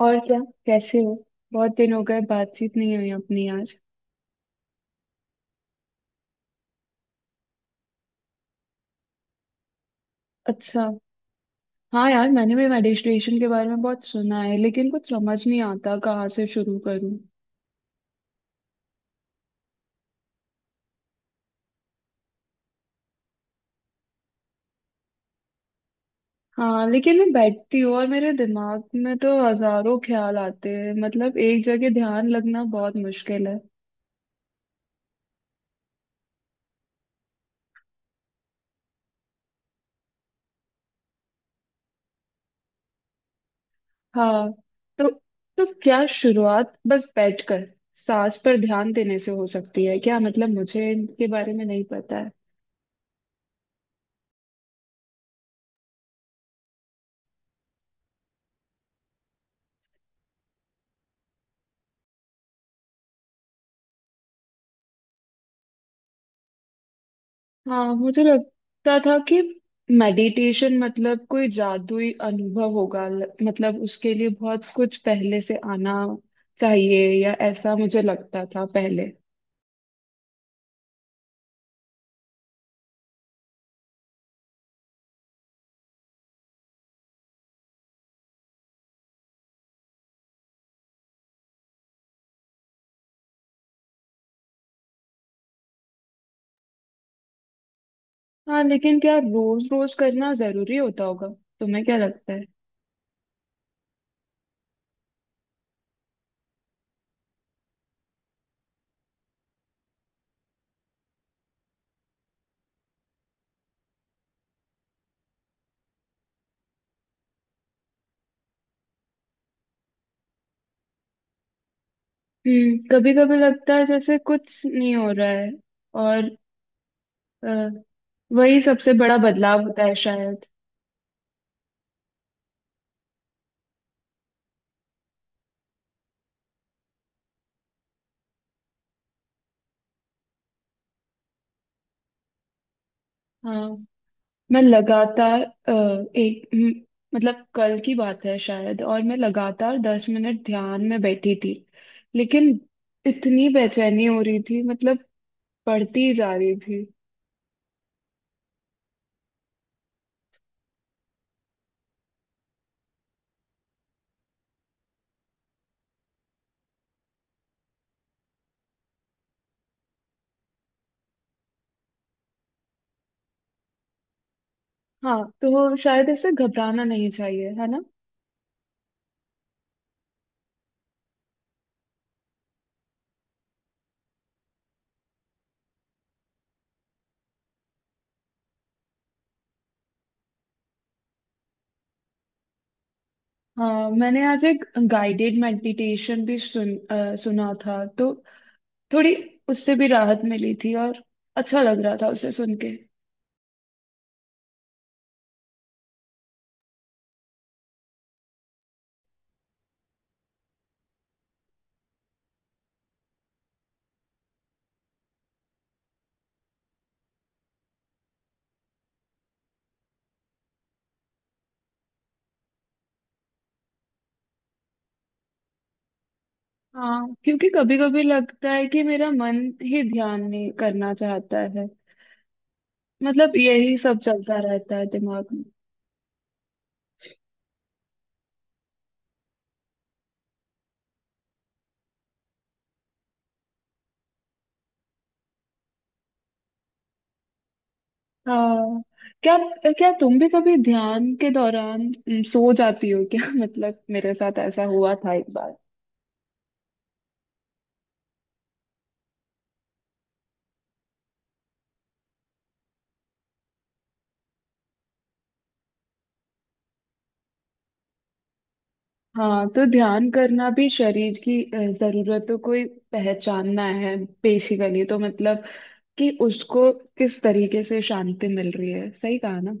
और क्या। कैसे हो? बहुत दिन हो गए, बातचीत नहीं हुई अपनी, यार। अच्छा। हाँ यार, मैंने भी मेडिटेशन के बारे में बहुत सुना है, लेकिन कुछ समझ नहीं आता कहाँ से शुरू करूँ। हाँ लेकिन मैं बैठती हूँ और मेरे दिमाग में तो हजारों ख्याल आते हैं, मतलब एक जगह ध्यान लगना बहुत मुश्किल है। हाँ। तो तो क्या शुरुआत बस बैठकर सांस पर ध्यान देने से हो सकती है क्या? मतलब मुझे इनके बारे में नहीं पता है। हाँ मुझे लगता था कि मेडिटेशन मतलब कोई जादुई अनुभव होगा, मतलब उसके लिए बहुत कुछ पहले से आना चाहिए, या ऐसा मुझे लगता था पहले। हाँ लेकिन क्या रोज रोज करना जरूरी होता होगा? तुम्हें क्या लगता है? हम्म। कभी कभी लगता है जैसे कुछ नहीं हो रहा है, और अ, वही सबसे बड़ा बदलाव होता है शायद। हाँ, मैं लगातार एक मतलब कल की बात है शायद, और मैं लगातार 10 मिनट ध्यान में बैठी थी, लेकिन इतनी बेचैनी हो रही थी, मतलब पढ़ती ही जा रही थी। हाँ तो शायद ऐसे घबराना नहीं चाहिए, है ना? हाँ मैंने आज एक गाइडेड मेडिटेशन भी सुन सुना था, तो थोड़ी उससे भी राहत मिली थी, और अच्छा लग रहा था उसे सुन के। हाँ क्योंकि कभी कभी लगता है कि मेरा मन ही ध्यान नहीं करना चाहता है, मतलब यही सब चलता रहता है दिमाग में। हाँ। क्या क्या तुम भी कभी ध्यान के दौरान सो जाती हो क्या? मतलब मेरे साथ ऐसा हुआ था एक बार। हाँ, तो ध्यान करना भी शरीर की जरूरतों को ही पहचानना है बेसिकली, तो मतलब कि उसको किस तरीके से शांति मिल रही है, सही कहा ना?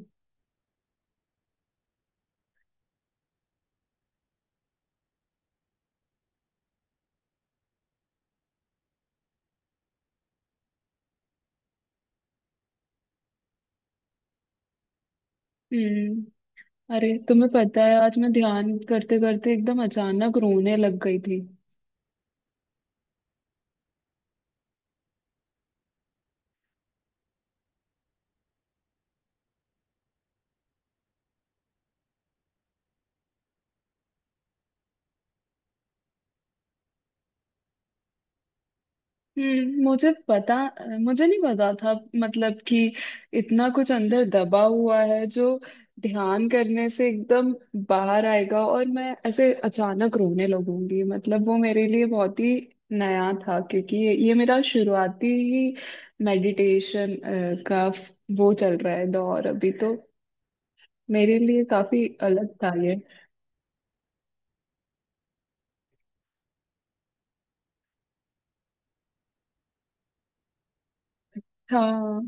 हम्म। अरे तुम्हें पता है, आज मैं ध्यान करते करते एकदम अचानक रोने लग गई थी। हम्म, मुझे पता मुझे नहीं पता था, मतलब कि इतना कुछ अंदर दबा हुआ है जो ध्यान करने से एकदम बाहर आएगा, और मैं ऐसे अचानक रोने लगूंगी। मतलब वो मेरे लिए बहुत ही नया था, क्योंकि ये मेरा शुरुआती ही मेडिटेशन का वो चल रहा है दौर अभी, तो मेरे लिए काफी अलग था ये। हाँ।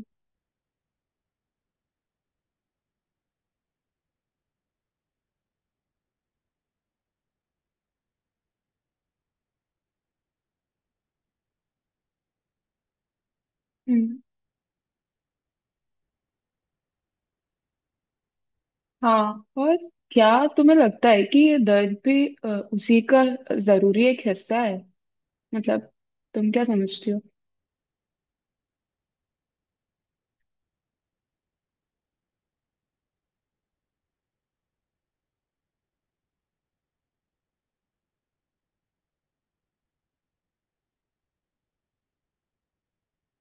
हम्म। हाँ, और क्या तुम्हें लगता है कि ये दर्द भी उसी का जरूरी एक हिस्सा है? मतलब तुम क्या समझती हो?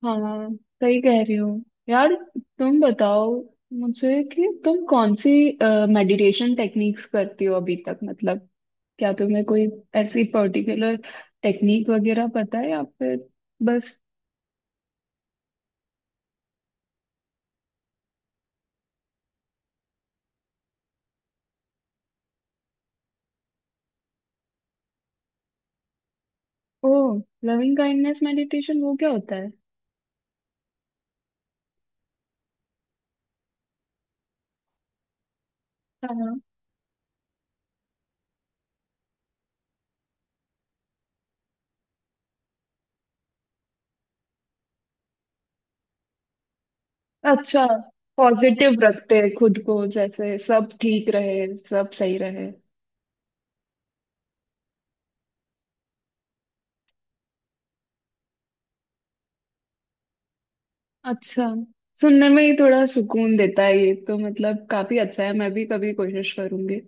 हाँ सही कह रही हो यार। तुम बताओ मुझे कि तुम कौन सी मेडिटेशन टेक्निक्स करती हो अभी तक, मतलब क्या तुम्हें कोई ऐसी पर्टिकुलर टेक्निक वगैरह पता है, या फिर बस? ओ, लविंग काइंडनेस मेडिटेशन वो क्या होता है? हाँ। अच्छा, पॉजिटिव रखते हैं खुद को, जैसे सब ठीक रहे, सब सही रहे। अच्छा। सुनने में ही थोड़ा सुकून देता है ये तो, मतलब काफी अच्छा है, मैं भी कभी कोशिश करूंगी।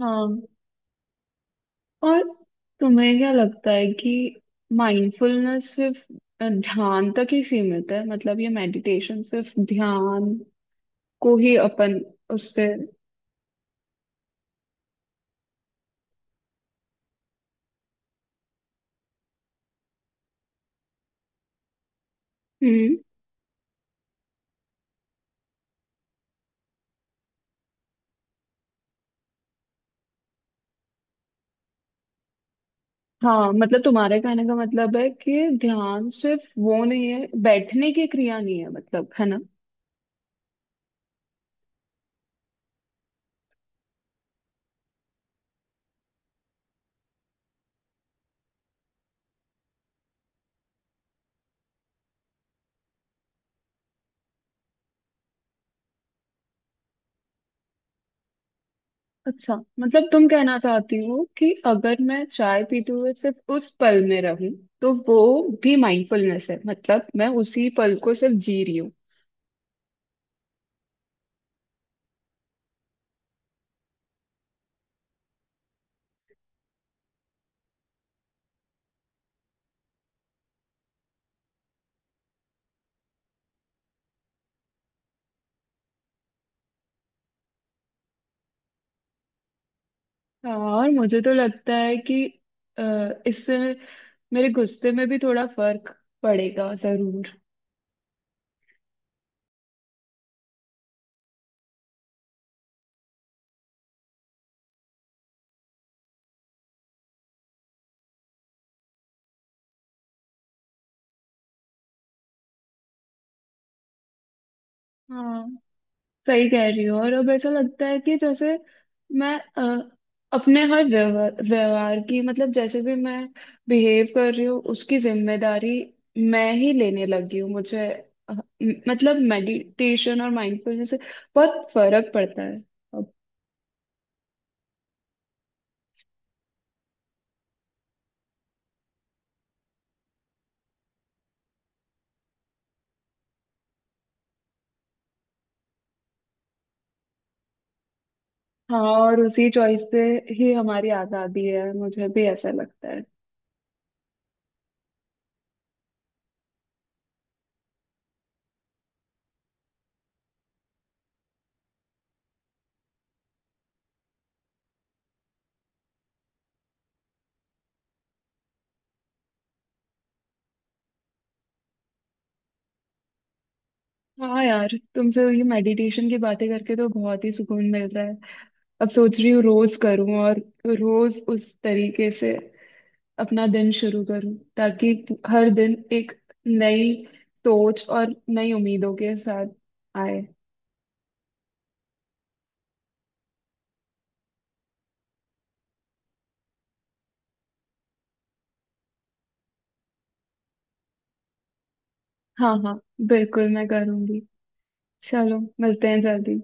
हाँ, और तुम्हें क्या लगता है कि माइंडफुलनेस सिर्फ ध्यान तक ही सीमित है? मतलब ये मेडिटेशन सिर्फ ध्यान को ही अपन उससे। हम्म। हाँ, मतलब तुम्हारे कहने का मतलब है कि ध्यान सिर्फ वो नहीं है, बैठने की क्रिया नहीं है, मतलब, है ना? अच्छा, मतलब तुम कहना चाहती हो कि अगर मैं चाय पीते हुए सिर्फ उस पल में रहूं, तो वो भी माइंडफुलनेस है, मतलब मैं उसी पल को सिर्फ जी रही हूँ। और मुझे तो लगता है कि इससे मेरे गुस्से में भी थोड़ा फर्क पड़ेगा जरूर। हाँ सही कह रही हो। और अब ऐसा लगता है कि जैसे मैं अपने हर व्यवहार व्यवहार की, मतलब जैसे भी मैं बिहेव कर रही हूँ उसकी जिम्मेदारी मैं ही लेने लगी हूँ। मुझे मतलब मेडिटेशन और माइंडफुलनेस से बहुत फर्क पड़ता है अब। हाँ, और उसी चॉइस से ही हमारी आज़ादी है, मुझे भी ऐसा लगता है। हाँ यार, तुमसे ये मेडिटेशन की बातें करके तो बहुत ही सुकून मिल रहा है। अब सोच रही हूँ रोज करूँ, और रोज उस तरीके से अपना दिन शुरू करूं, ताकि हर दिन एक नई सोच और नई उम्मीदों के साथ आए। हाँ हाँ, बिल्कुल, मैं करूंगी। चलो मिलते हैं जल्दी।